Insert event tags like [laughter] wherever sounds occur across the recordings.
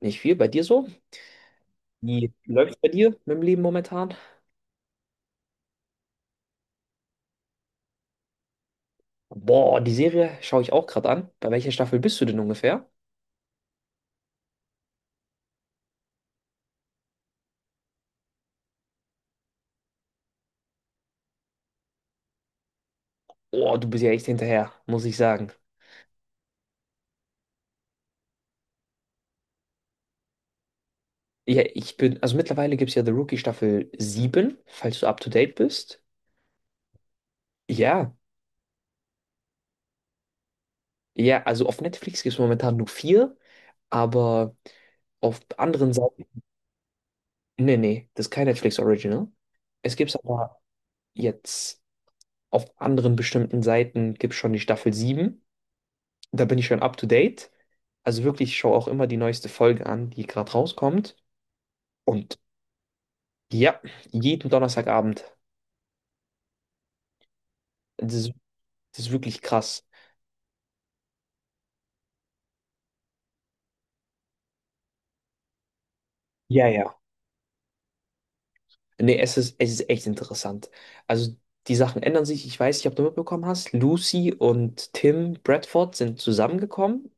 Nicht viel. Bei dir so? Wie läuft's bei dir mit dem Leben momentan? Boah, die Serie schaue ich auch gerade an. Bei welcher Staffel bist du denn ungefähr? Boah, du bist ja echt hinterher, muss ich sagen. Ja, also mittlerweile gibt es ja The Rookie Staffel sieben, falls du up to date bist. Ja, ja, also auf Netflix gibt es momentan nur vier, aber auf anderen Seiten. Nee, nee, das ist kein Netflix Original. Es gibt es aber jetzt auf anderen bestimmten Seiten gibt es schon die Staffel sieben. Da bin ich schon up to date. Also wirklich, ich schaue auch immer die neueste Folge an, die gerade rauskommt. Und ja, jeden Donnerstagabend. Das ist, das ist wirklich krass. Ja, ja. Nee, es ist echt interessant. Also die Sachen ändern sich. Ich weiß nicht, ob du mitbekommen hast. Lucy und Tim Bradford sind zusammengekommen.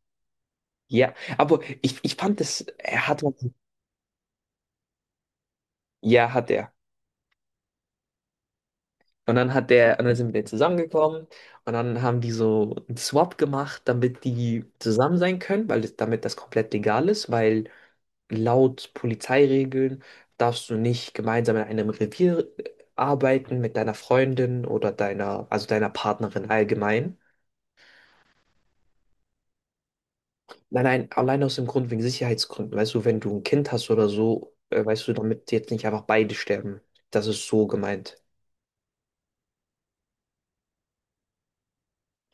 Ja, aber ich fand das, ja, hat er. Und dann hat der, und dann sind wir zusammengekommen und dann haben die so einen Swap gemacht, damit die zusammen sein können, damit das komplett legal ist, weil laut Polizeiregeln darfst du nicht gemeinsam in einem Revier arbeiten mit deiner Freundin oder also deiner Partnerin allgemein. Nein, nein, allein aus dem Grund wegen Sicherheitsgründen. Weißt du, wenn du ein Kind hast oder so, weißt du, damit jetzt nicht einfach beide sterben. Das ist so gemeint.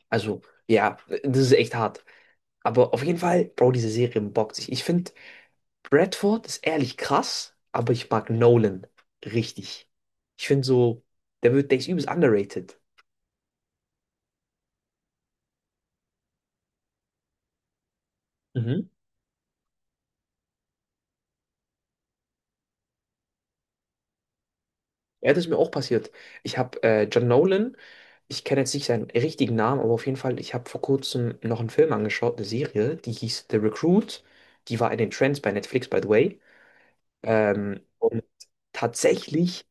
Also, ja, das ist echt hart. Aber auf jeden Fall, Bro, diese Serie bockt sich. Ich finde, Bradford ist ehrlich krass, aber ich mag Nolan richtig. Ich finde so, der ist übelst underrated. Mhm. Ja, das ist mir auch passiert. Ich habe John Nolan, ich kenne jetzt nicht seinen richtigen Namen, aber auf jeden Fall, ich habe vor kurzem noch einen Film angeschaut, eine Serie, die hieß The Recruit. Die war in den Trends bei Netflix, by the way. Und tatsächlich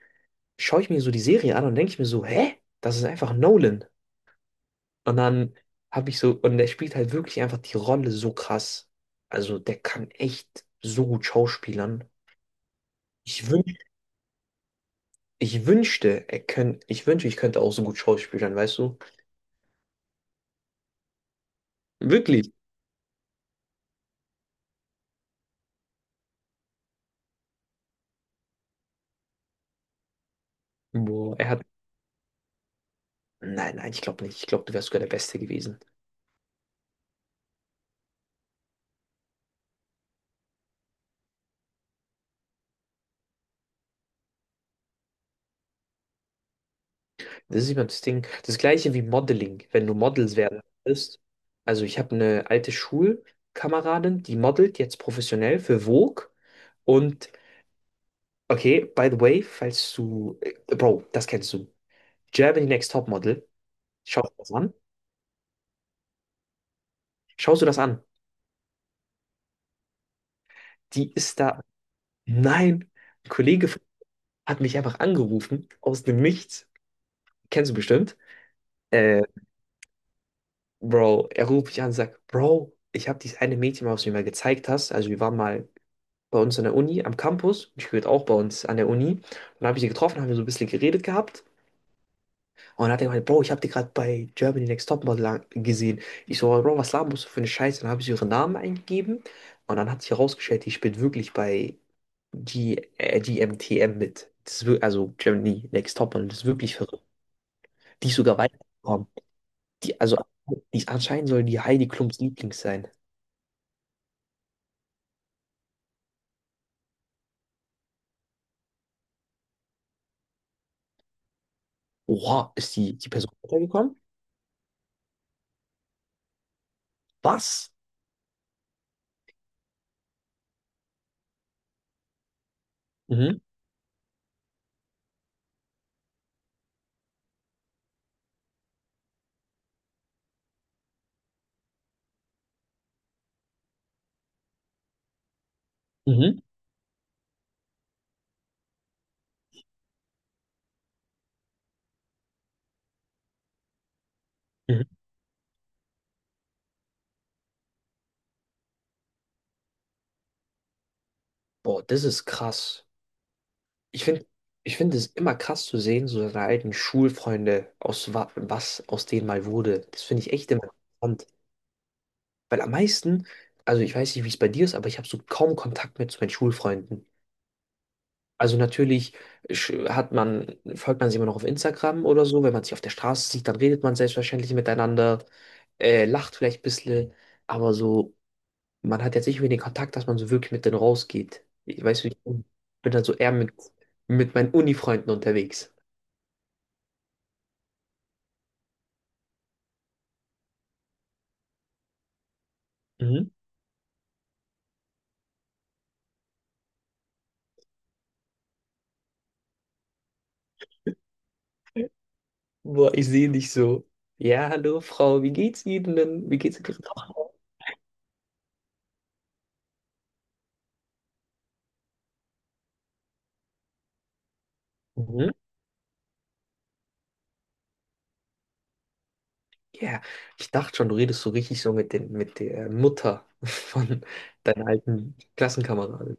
schaue ich mir so die Serie an und denke ich mir so, hä? Das ist einfach Nolan. Und dann habe ich so, und der spielt halt wirklich einfach die Rolle so krass. Also der kann echt so gut schauspielern. Ich wünsch, ich wünschte, er könnt, ich wünschte, ich könnte auch so gut schauspielern, weißt du? Wirklich. Boah, er hat. Nein, nein, ich glaube nicht. Ich glaube, du wärst sogar der Beste gewesen. Das ist immer das Ding. Das gleiche wie Modeling, wenn du Models werden willst. Also ich habe eine alte Schulkameradin, die modelt jetzt professionell für Vogue. Und okay, by the way, falls du, Bro, das kennst du. Germany Next Topmodel. Schaust du das an? Schaust du das an? Die ist da. Nein, ein Kollege hat mich einfach angerufen aus dem Nichts. Kennst du bestimmt. Äh, Bro, er ruft mich an und sagt, Bro, ich habe dieses eine Mädchen, was du mir mal gezeigt hast. Also wir waren mal bei uns an der Uni, am Campus. Ich gehört auch bei uns an der Uni. Und dann habe ich sie getroffen, haben wir so ein bisschen geredet gehabt. Und dann hat er gemeint, Bro, ich habe die gerade bei Germany Next Topmodel gesehen. Ich so, Bro, was laberst du für eine Scheiße? Dann habe ich so ihren Namen eingegeben. Und dann hat sich herausgestellt, die spielt wirklich bei die, die MTM mit. Das ist, wir- also Germany Next Topmodel, das ist wirklich verrückt. Die ist sogar weitergekommen. Die, also, die anscheinend soll die Heidi Klums Lieblings sein. Oha, ist die Person weitergekommen? Was? Mhm, mhm, mhm. Boah, das ist krass. Ich finde, ich finde es immer krass zu sehen, so seine alten Schulfreunde, aus wa was aus denen mal wurde. Das finde ich echt immer interessant. Weil am meisten, also ich weiß nicht, wie es bei dir ist, aber ich habe so kaum Kontakt mehr zu meinen Schulfreunden. Also natürlich folgt man sich immer noch auf Instagram oder so. Wenn man sich auf der Straße sieht, dann redet man selbstverständlich miteinander, lacht vielleicht ein bisschen, aber so, man hat jetzt nicht mehr den Kontakt, dass man so wirklich mit denen rausgeht. Ich weiß nicht, ich bin dann so eher mit meinen Uni-Freunden unterwegs. Mhm. Boah, ich sehe dich so. Ja, hallo Frau, wie geht's Ihnen denn? Wie geht's Ihrer Tochter? Mhm. Ja, ich dachte schon, du redest so richtig so mit der Mutter [laughs] von deiner alten Klassenkameradin.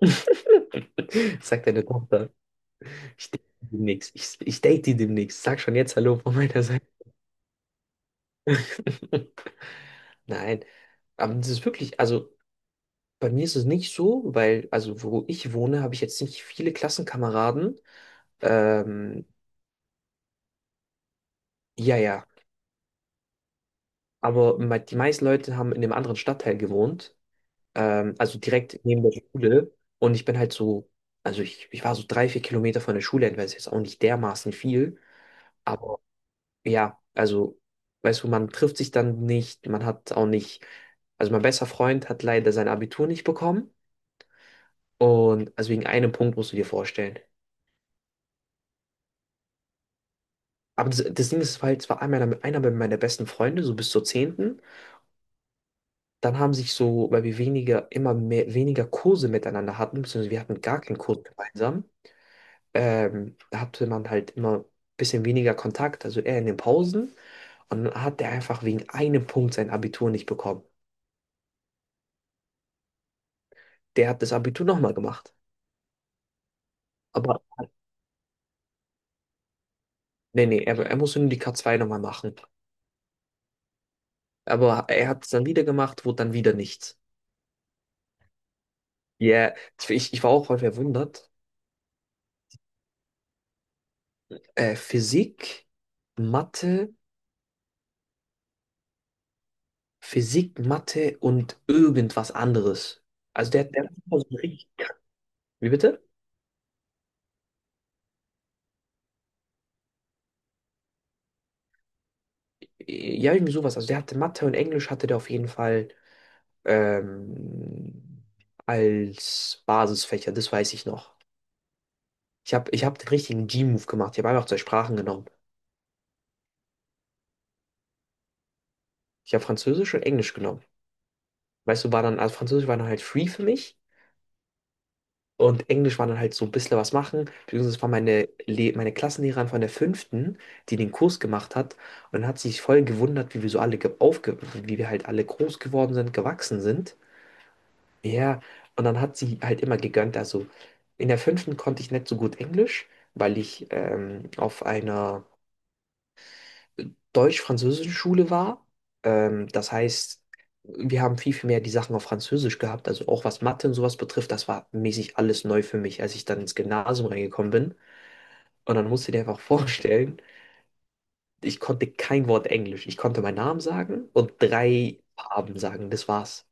[laughs] Sagt deine Tochter, ich date die demnächst. Ich date die demnächst. Sag schon jetzt Hallo von meiner Seite. [laughs] Nein, aber das ist wirklich, also bei mir ist es nicht so, weil, also wo ich wohne, habe ich jetzt nicht viele Klassenkameraden. Ähm, ja, ja, aber die meisten Leute haben in einem anderen Stadtteil gewohnt, also direkt neben der Schule. Und ich bin halt so, also ich war so 3, 4 Kilometer von der Schule entfernt, ist jetzt auch nicht dermaßen viel. Ja, also, weißt du, man trifft sich dann nicht, man hat auch nicht, also mein bester Freund hat leider sein Abitur nicht bekommen und also wegen einem Punkt musst du dir vorstellen. Aber das Ding ist halt, es war einmal einer meiner besten Freunde, so bis zur zehnten. Dann haben sich so, weil wir weniger, immer mehr, weniger Kurse miteinander hatten, beziehungsweise wir hatten gar keinen Kurs gemeinsam, da hatte man halt immer ein bisschen weniger Kontakt, also eher in den Pausen. Und dann hat der einfach wegen einem Punkt sein Abitur nicht bekommen. Der hat das Abitur nochmal gemacht. Aber nee, nee, er muss nur die K2 nochmal machen. Aber er hat es dann wieder gemacht, wurde dann wieder nichts. Ja, ich war auch voll verwundert. Äh, Physik, Mathe, Physik, Mathe, und irgendwas anderes. Also, wie bitte? Ja, irgendwie sowas. Also der hatte Mathe und Englisch hatte der auf jeden Fall ähm, als Basisfächer, das weiß ich noch. Ich hab den richtigen G-Move gemacht. Ich habe einfach zwei Sprachen genommen. Ich habe Französisch und Englisch genommen. Weißt du, war dann, also Französisch war dann halt free für mich und Englisch war dann halt so ein bisschen was machen. Beziehungsweise es war meine Klassenlehrerin von der fünften, die den Kurs gemacht hat und dann hat sie sich voll gewundert, wie wir so alle wie wir halt alle groß geworden sind, gewachsen sind. Ja, und dann hat sie halt immer gegönnt. Also in der fünften konnte ich nicht so gut Englisch, weil ich auf einer deutsch-französische Schule war. Das heißt, wir haben viel, viel mehr die Sachen auf Französisch gehabt. Also auch was Mathe und sowas betrifft, das war mäßig alles neu für mich, als ich dann ins Gymnasium reingekommen bin. Und dann musst du dir einfach [laughs] vorstellen, ich konnte kein Wort Englisch. Ich konnte meinen Namen sagen und drei Farben sagen. Das war's.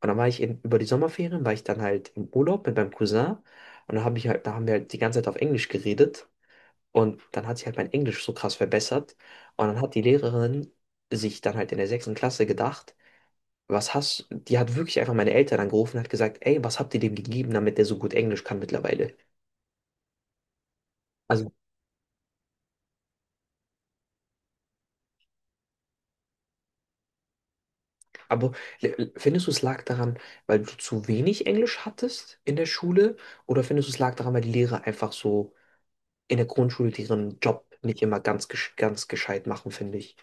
Und dann war ich in, über die Sommerferien, war ich dann halt im Urlaub mit meinem Cousin. Und dann habe ich halt, da haben wir halt die ganze Zeit auf Englisch geredet. Und dann hat sich halt mein Englisch so krass verbessert. Und dann hat die Lehrerin sich dann halt in der sechsten Klasse gedacht, was hast, die hat wirklich einfach meine Eltern angerufen und hat gesagt, ey, was habt ihr dem gegeben, damit der so gut Englisch kann mittlerweile? Also, aber findest du, es lag daran, weil du zu wenig Englisch hattest in der Schule? Oder findest du, es lag daran, weil die Lehrer einfach so in der Grundschule ihren Job nicht immer ganz gescheit machen, finde ich?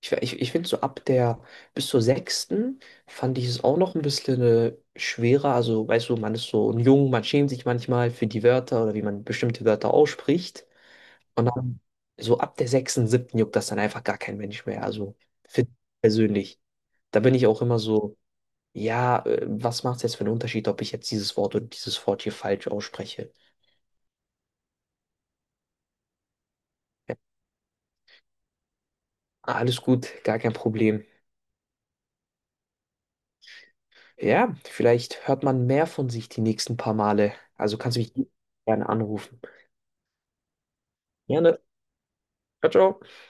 Ich finde so ab der bis zur sechsten fand ich es auch noch ein bisschen schwerer. Also, weißt du, man ist so jung, man schämt sich manchmal für die Wörter oder wie man bestimmte Wörter ausspricht. Und dann so ab der sechsten, siebten juckt das dann einfach gar kein Mensch mehr. Also, für ich persönlich. Da bin ich auch immer so, ja, was macht es jetzt für einen Unterschied, ob ich jetzt dieses Wort oder dieses Wort hier falsch ausspreche? Ah, alles gut, gar kein Problem. Ja, vielleicht hört man mehr von sich die nächsten paar Male. Also kannst du mich gerne anrufen. Gerne. Ciao, ciao.